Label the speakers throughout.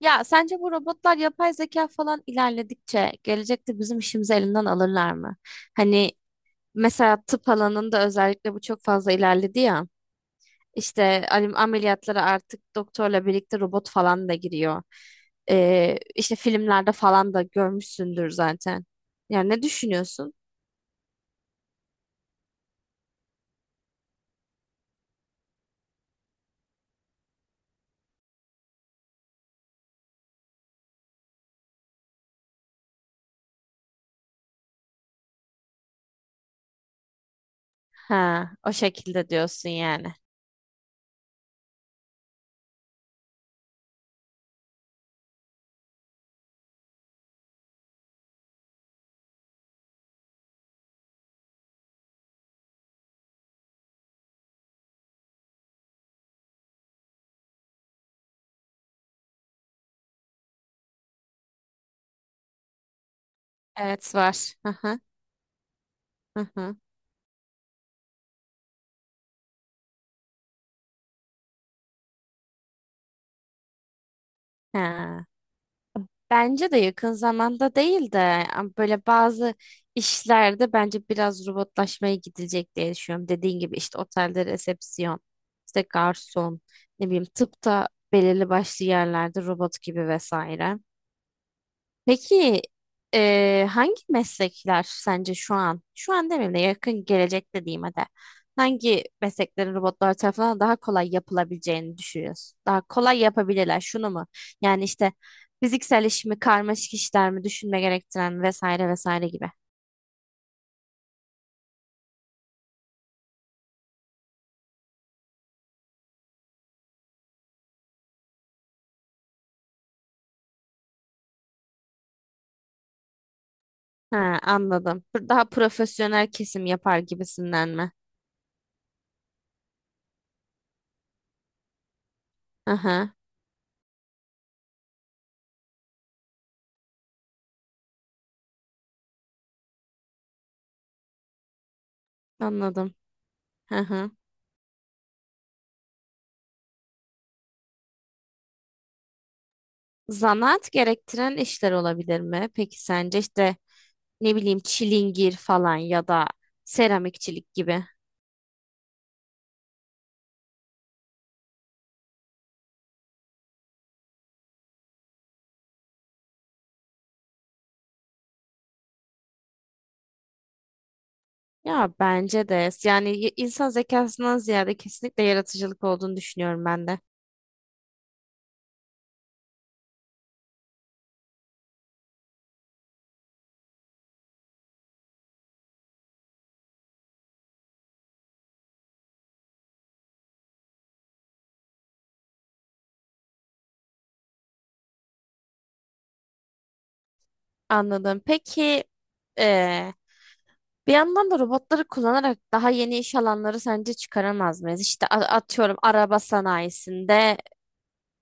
Speaker 1: Ya sence bu robotlar yapay zeka falan ilerledikçe gelecekte bizim işimizi elinden alırlar mı? Hani mesela tıp alanında özellikle bu çok fazla ilerledi ya. İşte ameliyatlara artık doktorla birlikte robot falan da giriyor. İşte filmlerde falan da görmüşsündür zaten. Yani ne düşünüyorsun? Ha, o şekilde diyorsun yani. Evet var. Hı hı, hı hı. Ha. Bence de yakın zamanda değil de yani böyle bazı işlerde bence biraz robotlaşmaya gidilecek diye düşünüyorum. Dediğin gibi işte otelde resepsiyon, işte garson, ne bileyim tıpta belirli başlı yerlerde robot gibi vesaire. Peki hangi meslekler sence şu an, şu an demeyeyim de yakın gelecekte diyeyim hadi. Hangi mesleklerin robotlar tarafından daha kolay yapılabileceğini düşünüyorsun? Daha kolay yapabilirler şunu mu? Yani işte fiziksel iş mi, karmaşık işler mi, düşünme gerektiren vesaire vesaire gibi. Ha, anladım. Daha profesyonel kesim yapar gibisinden mi? Aha, anladım. Aha. Zanaat gerektiren işler olabilir mi? Peki sence işte ne bileyim çilingir falan ya da seramikçilik gibi. Ya bence de yani insan zekasından ziyade kesinlikle yaratıcılık olduğunu düşünüyorum ben de. Anladım. Peki eee, bir yandan da robotları kullanarak daha yeni iş alanları sence çıkaramaz mıyız? İşte atıyorum araba sanayisinde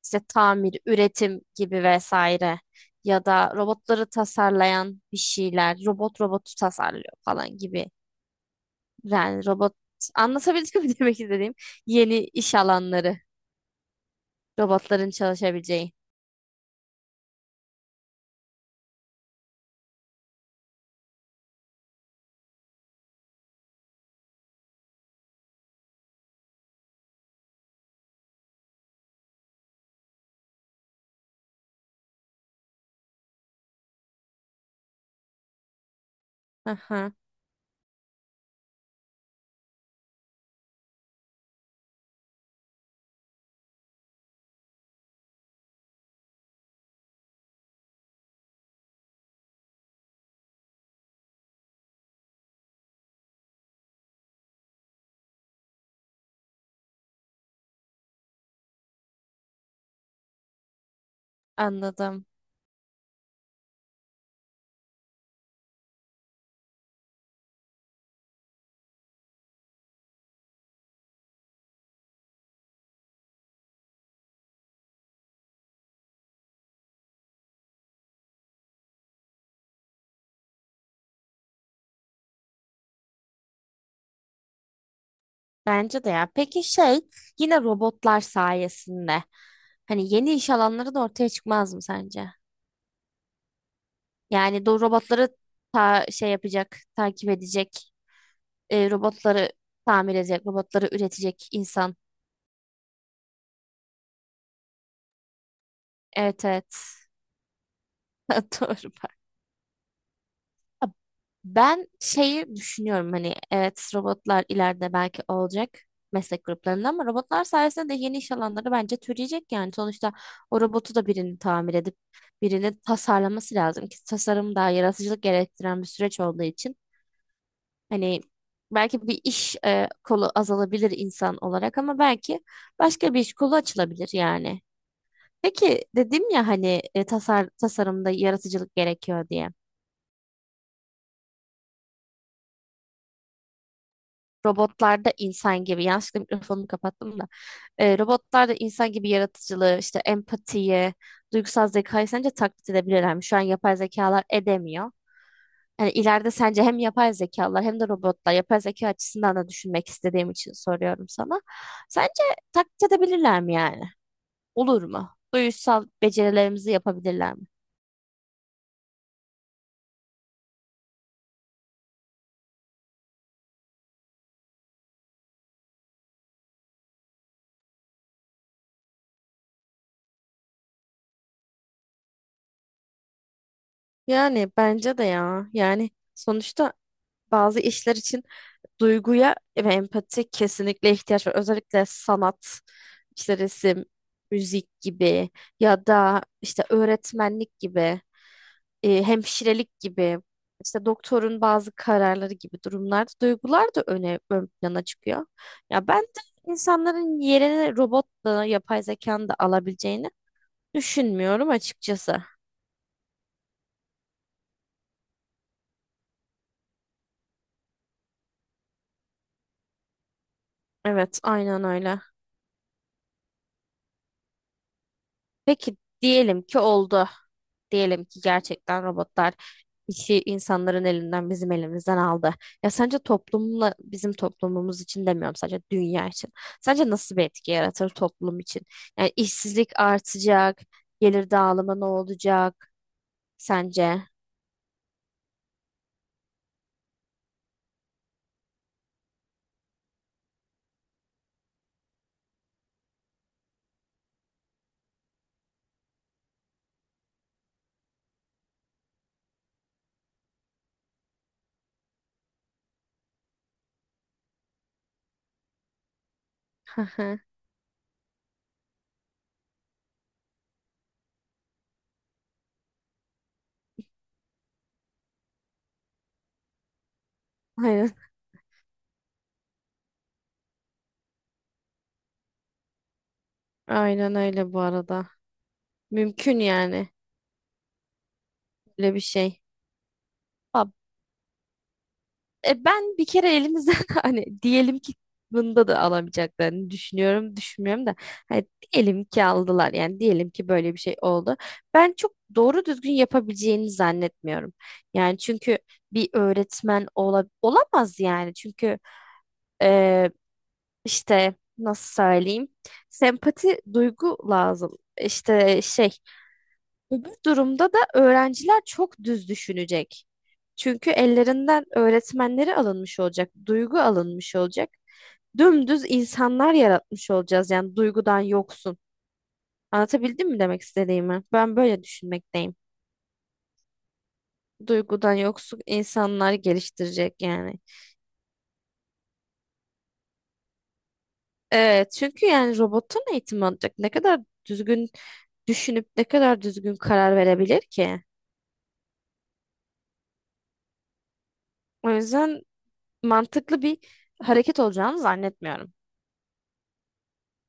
Speaker 1: işte tamir, üretim gibi vesaire ya da robotları tasarlayan bir şeyler, robot robotu tasarlıyor falan gibi. Yani robot anlatabildim mi demek istediğim yeni iş alanları robotların çalışabileceği. Aha, anladım. Bence de ya. Peki şey, yine robotlar sayesinde hani yeni iş alanları da ortaya çıkmaz mı sence? Yani do robotları ta şey yapacak, takip edecek, robotları tamir edecek, robotları üretecek insan. Evet, evet. Doğru bak. Ben şeyi düşünüyorum hani evet robotlar ileride belki olacak meslek gruplarında ama robotlar sayesinde de yeni iş alanları bence türeyecek yani sonuçta o robotu da birini tamir edip birini tasarlaması lazım ki tasarım daha yaratıcılık gerektiren bir süreç olduğu için hani belki bir iş kolu azalabilir insan olarak ama belki başka bir iş kolu açılabilir yani. Peki dedim ya hani tasarımda yaratıcılık gerekiyor diye. Robotlarda insan gibi yanlışlıkla mikrofonumu kapattım da robotlarda insan gibi yaratıcılığı işte empatiyi duygusal zekayı sence taklit edebilirler mi? Şu an yapay zekalar edemiyor. Yani ileride sence hem yapay zekalar hem de robotlar yapay zeka açısından da düşünmek istediğim için soruyorum sana. Sence taklit edebilirler mi yani? Olur mu? Duygusal becerilerimizi yapabilirler mi? Yani bence de ya. Yani sonuçta bazı işler için duyguya ve empati kesinlikle ihtiyaç var. Özellikle sanat, işte resim, müzik gibi ya da işte öğretmenlik gibi, hemşirelik gibi, işte doktorun bazı kararları gibi durumlarda duygular da ön plana çıkıyor. Ya ben de insanların yerini robotla, yapay zekanın da alabileceğini düşünmüyorum açıkçası. Evet, aynen öyle. Peki diyelim ki oldu. Diyelim ki gerçekten robotlar işi insanların elinden bizim elimizden aldı. Ya sence toplumla bizim toplumumuz için demiyorum sadece dünya için. Sence nasıl bir etki yaratır toplum için? Yani işsizlik artacak, gelir dağılımı ne olacak sence? Aynen. Aynen öyle bu arada. Mümkün yani öyle bir şey. Ba- E, ben bir kere elimizden hani diyelim ki bunda da alamayacaklarını düşünüyorum, düşünmüyorum da hani diyelim ki aldılar yani diyelim ki böyle bir şey oldu. Ben çok doğru düzgün yapabileceğini zannetmiyorum. Yani çünkü bir öğretmen olamaz yani çünkü e, işte nasıl söyleyeyim sempati duygu lazım. İşte şey, öbür durumda da öğrenciler çok düz düşünecek. Çünkü ellerinden öğretmenleri alınmış olacak, duygu alınmış olacak. Dümdüz insanlar yaratmış olacağız yani duygudan yoksun. Anlatabildim mi demek istediğimi? Ben böyle düşünmekteyim. Duygudan yoksun insanlar geliştirecek yani. Evet, çünkü yani robotun eğitim alacak. Ne kadar düzgün düşünüp ne kadar düzgün karar verebilir ki? O yüzden mantıklı bir hareket olacağını zannetmiyorum.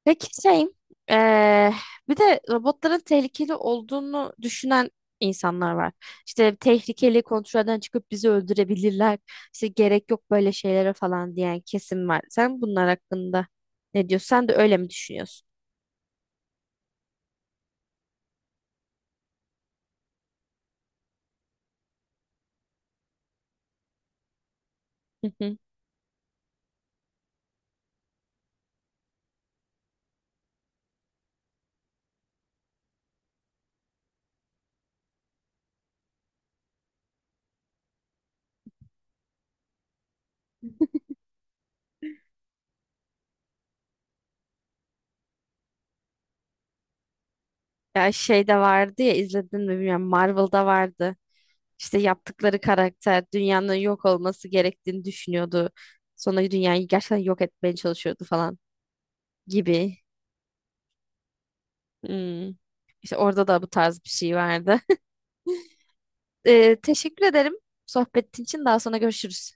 Speaker 1: Peki şey, eee, bir de robotların tehlikeli olduğunu düşünen insanlar var. İşte tehlikeli kontrolden çıkıp bizi öldürebilirler. İşte gerek yok böyle şeylere falan diyen kesim var. Sen bunlar hakkında ne diyorsun? Sen de öyle mi düşünüyorsun? Hı hı. Ya şey de vardı ya izledin mi bilmiyorum. Marvel'da vardı. İşte yaptıkları karakter dünyanın yok olması gerektiğini düşünüyordu. Sonra dünyayı gerçekten yok etmeye çalışıyordu falan gibi. Hmm. İşte orada da bu tarz bir şey vardı. Teşekkür ederim sohbetin için. Daha sonra görüşürüz.